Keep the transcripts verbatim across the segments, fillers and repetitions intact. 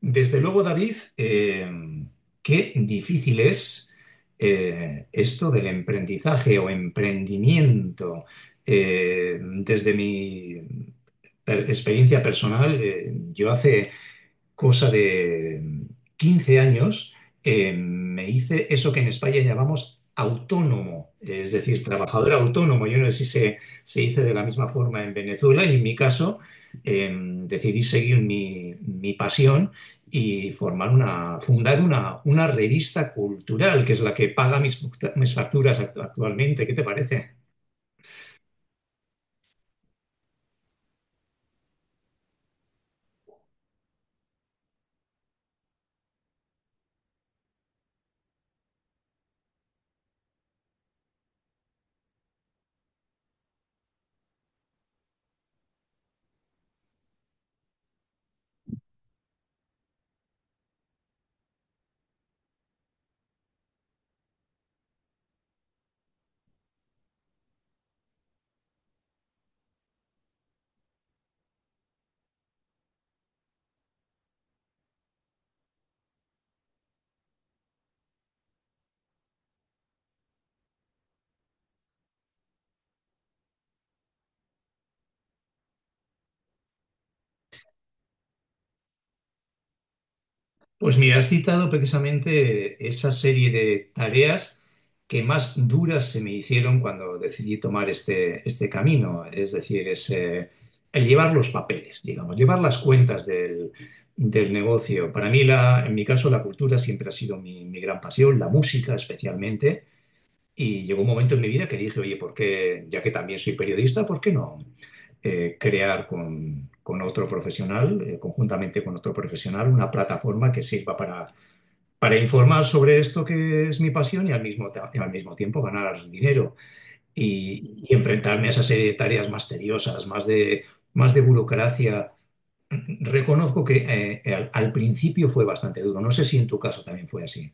Desde luego, David, eh, qué difícil es eh, esto del emprendizaje o emprendimiento. Eh, desde mi per- experiencia personal, eh, yo hace cosa de quince años, eh, me hice eso que en España llamamos autónomo, es decir, trabajador autónomo. Yo no sé si se, se dice de la misma forma en Venezuela, y en mi caso eh, decidí seguir mi, mi pasión y formar una, fundar una, una revista cultural, que es la que paga mis, mis facturas actualmente. ¿Qué te parece? Pues mira, has citado precisamente esa serie de tareas que más duras se me hicieron cuando decidí tomar este, este camino, es decir, es, eh, el llevar los papeles, digamos, llevar las cuentas del, del negocio. Para mí, la, en mi caso, la cultura siempre ha sido mi, mi gran pasión, la música especialmente. Y llegó un momento en mi vida que dije, oye, ¿por qué, ya que también soy periodista, ¿por qué no eh, crear con, con otro profesional, eh, conjuntamente con otro profesional, una plataforma que sirva para, para informar sobre esto que es mi pasión, y al mismo, ta- al mismo tiempo ganar dinero y, y enfrentarme a esa serie de tareas más tediosas, más de, más de burocracia? Reconozco que eh, al al principio fue bastante duro. No sé si en tu caso también fue así.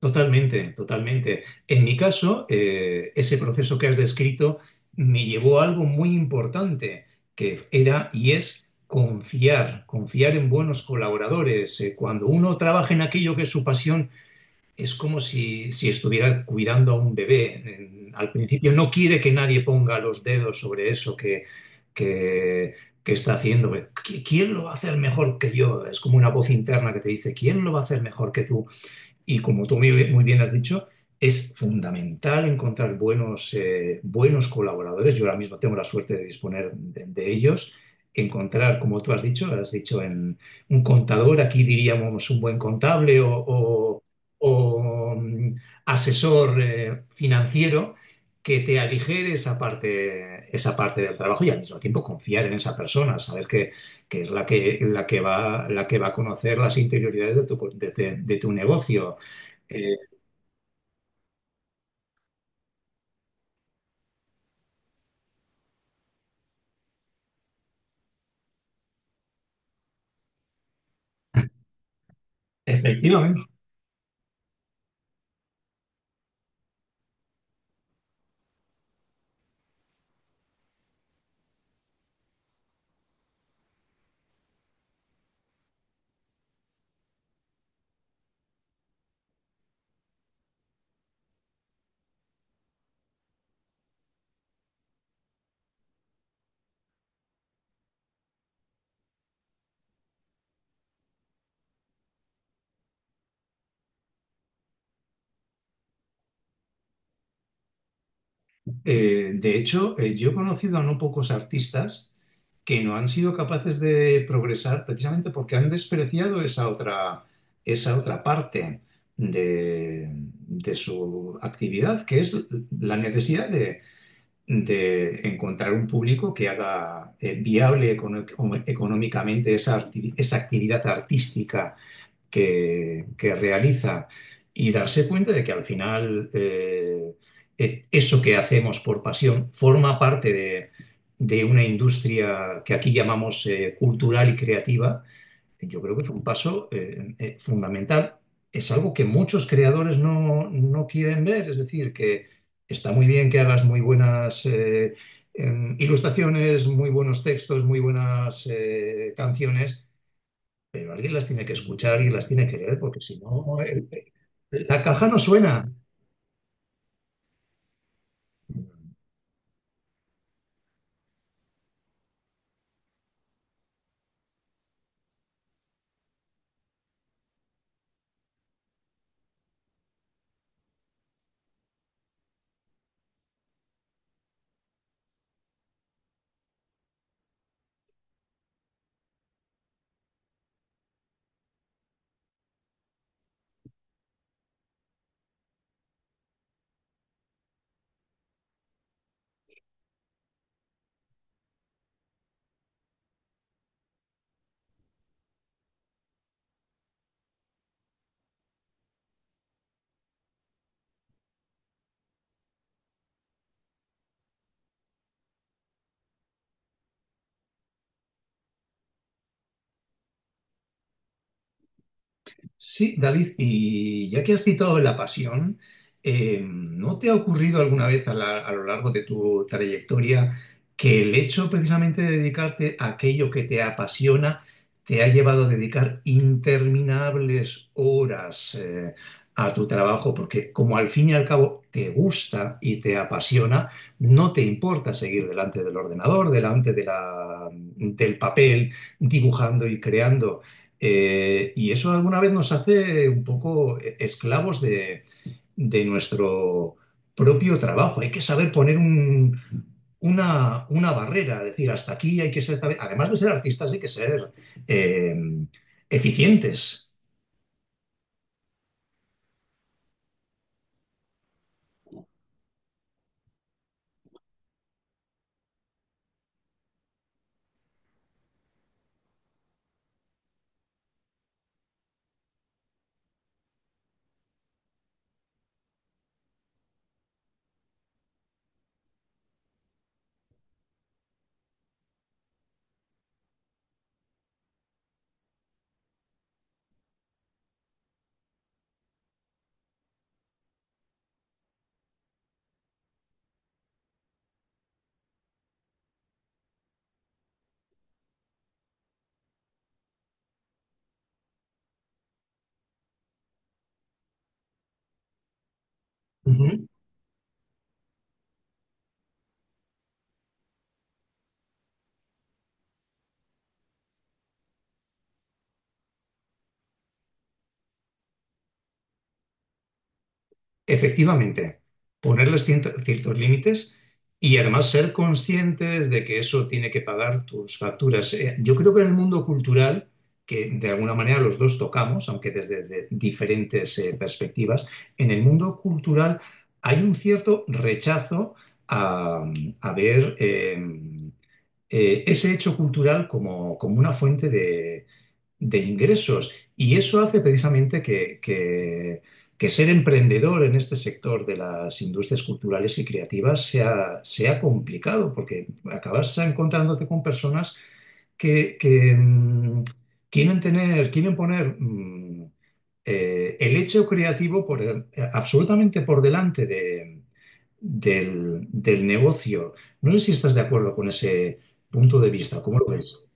Totalmente, totalmente. En mi caso, eh, ese proceso que has descrito me llevó a algo muy importante, que era y es confiar, confiar en buenos colaboradores. Eh, cuando uno trabaja en aquello que es su pasión, es como si, si estuviera cuidando a un bebé. En- al principio no quiere que nadie ponga los dedos sobre eso que, que, que está haciendo. ¿Qui- ¿Quién lo va a hacer mejor que yo? Es como una voz interna que te dice: ¿quién lo va a hacer mejor que tú? Y como tú muy bien muy bien has dicho, es fundamental encontrar buenos, eh, buenos colaboradores. Yo ahora mismo tengo la suerte de disponer de, de ellos. Encontrar, como tú has dicho, has dicho, en un contador, aquí diríamos un buen contable o, o- o, mm, asesor eh, financiero, que te aligere esa parte, esa parte del trabajo, y al mismo tiempo confiar en esa persona, saber que, que es la que, la que va, la que va a conocer las interioridades de tu, de- de- de tu negocio, eh, efectivamente. Eh, de hecho, eh, yo he conocido a no pocos artistas que no han sido capaces de progresar precisamente porque han despreciado esa otra, esa otra parte de, de su actividad, que es la necesidad de, de encontrar un público que haga eh, viable econo- económicamente esa, arti- esa actividad artística que, que realiza, y darse cuenta de que al final eh, eh, eso que hacemos por pasión forma parte de, de una industria que aquí llamamos eh, cultural y creativa. Yo creo que es un paso eh, eh, fundamental. Es algo que muchos creadores no, no quieren ver, es decir, que está muy bien que hagas muy buenas eh, em, ilustraciones, muy buenos textos, muy buenas eh, canciones, pero alguien las tiene que escuchar, alguien las tiene que leer, porque si no, el- la caja no suena. Sí, David, y ya que has citado La Pasión, eh, ¿no te ha ocurrido alguna vez, a, la- a lo largo de tu trayectoria, que el hecho precisamente de dedicarte a aquello que te apasiona te ha llevado a dedicar interminables horas eh, a tu trabajo? Porque como al fin y al cabo te gusta y te apasiona, no te importa seguir delante del ordenador, delante de la- del papel, dibujando y creando. Eh, y eso alguna vez nos hace un poco eh, esclavos de, de nuestro propio trabajo. Hay que saber poner un, una, una barrera, decir, hasta aquí. Hay que ser, además de ser artistas, hay que ser eh, eficientes. Efectivamente, ponerles ciento- ciertos límites, y además ser conscientes de que eso tiene que pagar tus facturas. Eh, yo creo que en el mundo cultural, que de alguna manera los dos tocamos, aunque desde desde diferentes eh, perspectivas, en el mundo cultural hay un cierto rechazo a, a ver eh, eh, ese hecho cultural como, como una fuente de ingresos. Y eso hace precisamente que, que- que ser emprendedor en este sector de las industrias culturales y creativas sea, sea complicado, porque acabas encontrándote con personas que, que, mm, quieren tener, quieren poner mm, eh, el hecho creativo por, el- absolutamente por delante de- del, del negocio. No sé si estás de acuerdo con ese punto de vista, ¿cómo lo ves?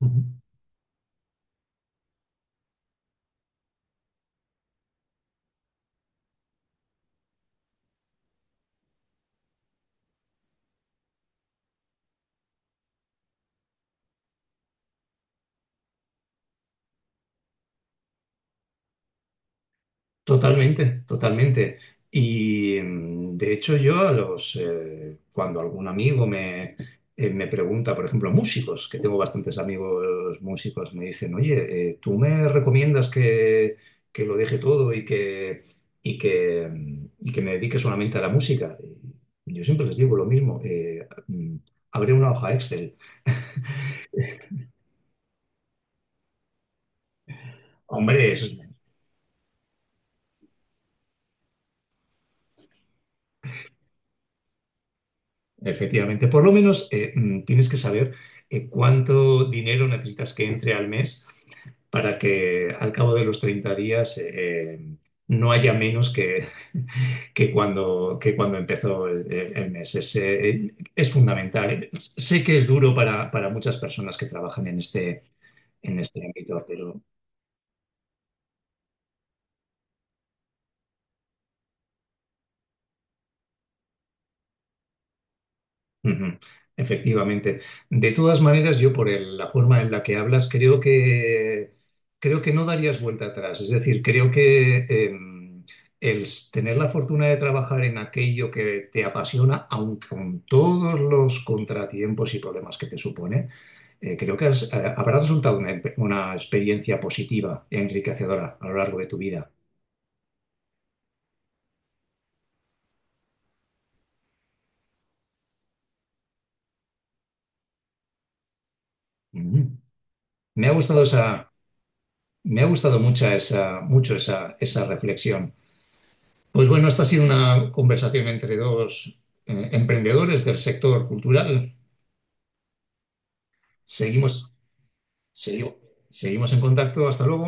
Totalmente, totalmente. Y mm, de hecho, yo a los, eh, cuando algún amigo me, eh, me pregunta, por ejemplo, músicos, que tengo bastantes amigos músicos, me dicen, oye, eh, ¿tú me recomiendas que, que lo deje todo y que, y que, mm, y que me dedique solamente a la música? Y yo siempre les digo lo mismo: eh, mm, abre una hoja Excel. Hombre, eso es- efectivamente, por lo menos eh, mm, tienes que saber eh, cuánto dinero necesitas que entre al mes, para que al cabo de los treinta días eh, no haya menos que que cuando, que cuando empezó el, el- el mes. Es, eh, es fundamental. Sé que es duro para, para muchas personas que trabajan en este, en este ámbito, pero. Ujú. Efectivamente. De todas maneras, yo por el- la forma en la que hablas, creo que, creo que no darías vuelta atrás. Es decir, creo que em, el s- tener la fortuna de trabajar en aquello que te apasiona, aunque con todos los contratiempos y problemas que te supone, eh, creo que has- eh, habrá resultado una, empe- una experiencia positiva e enriquecedora a lo largo de tu vida. Ujú. Me ha gustado esa, me ha gustado mucha esa, mucho esa, esa reflexión. Pues bueno, esta ha sido una conversación entre dos eh, emprendedores del sector cultural. Seguimos, segui- Seguimos en contacto. Hasta luego.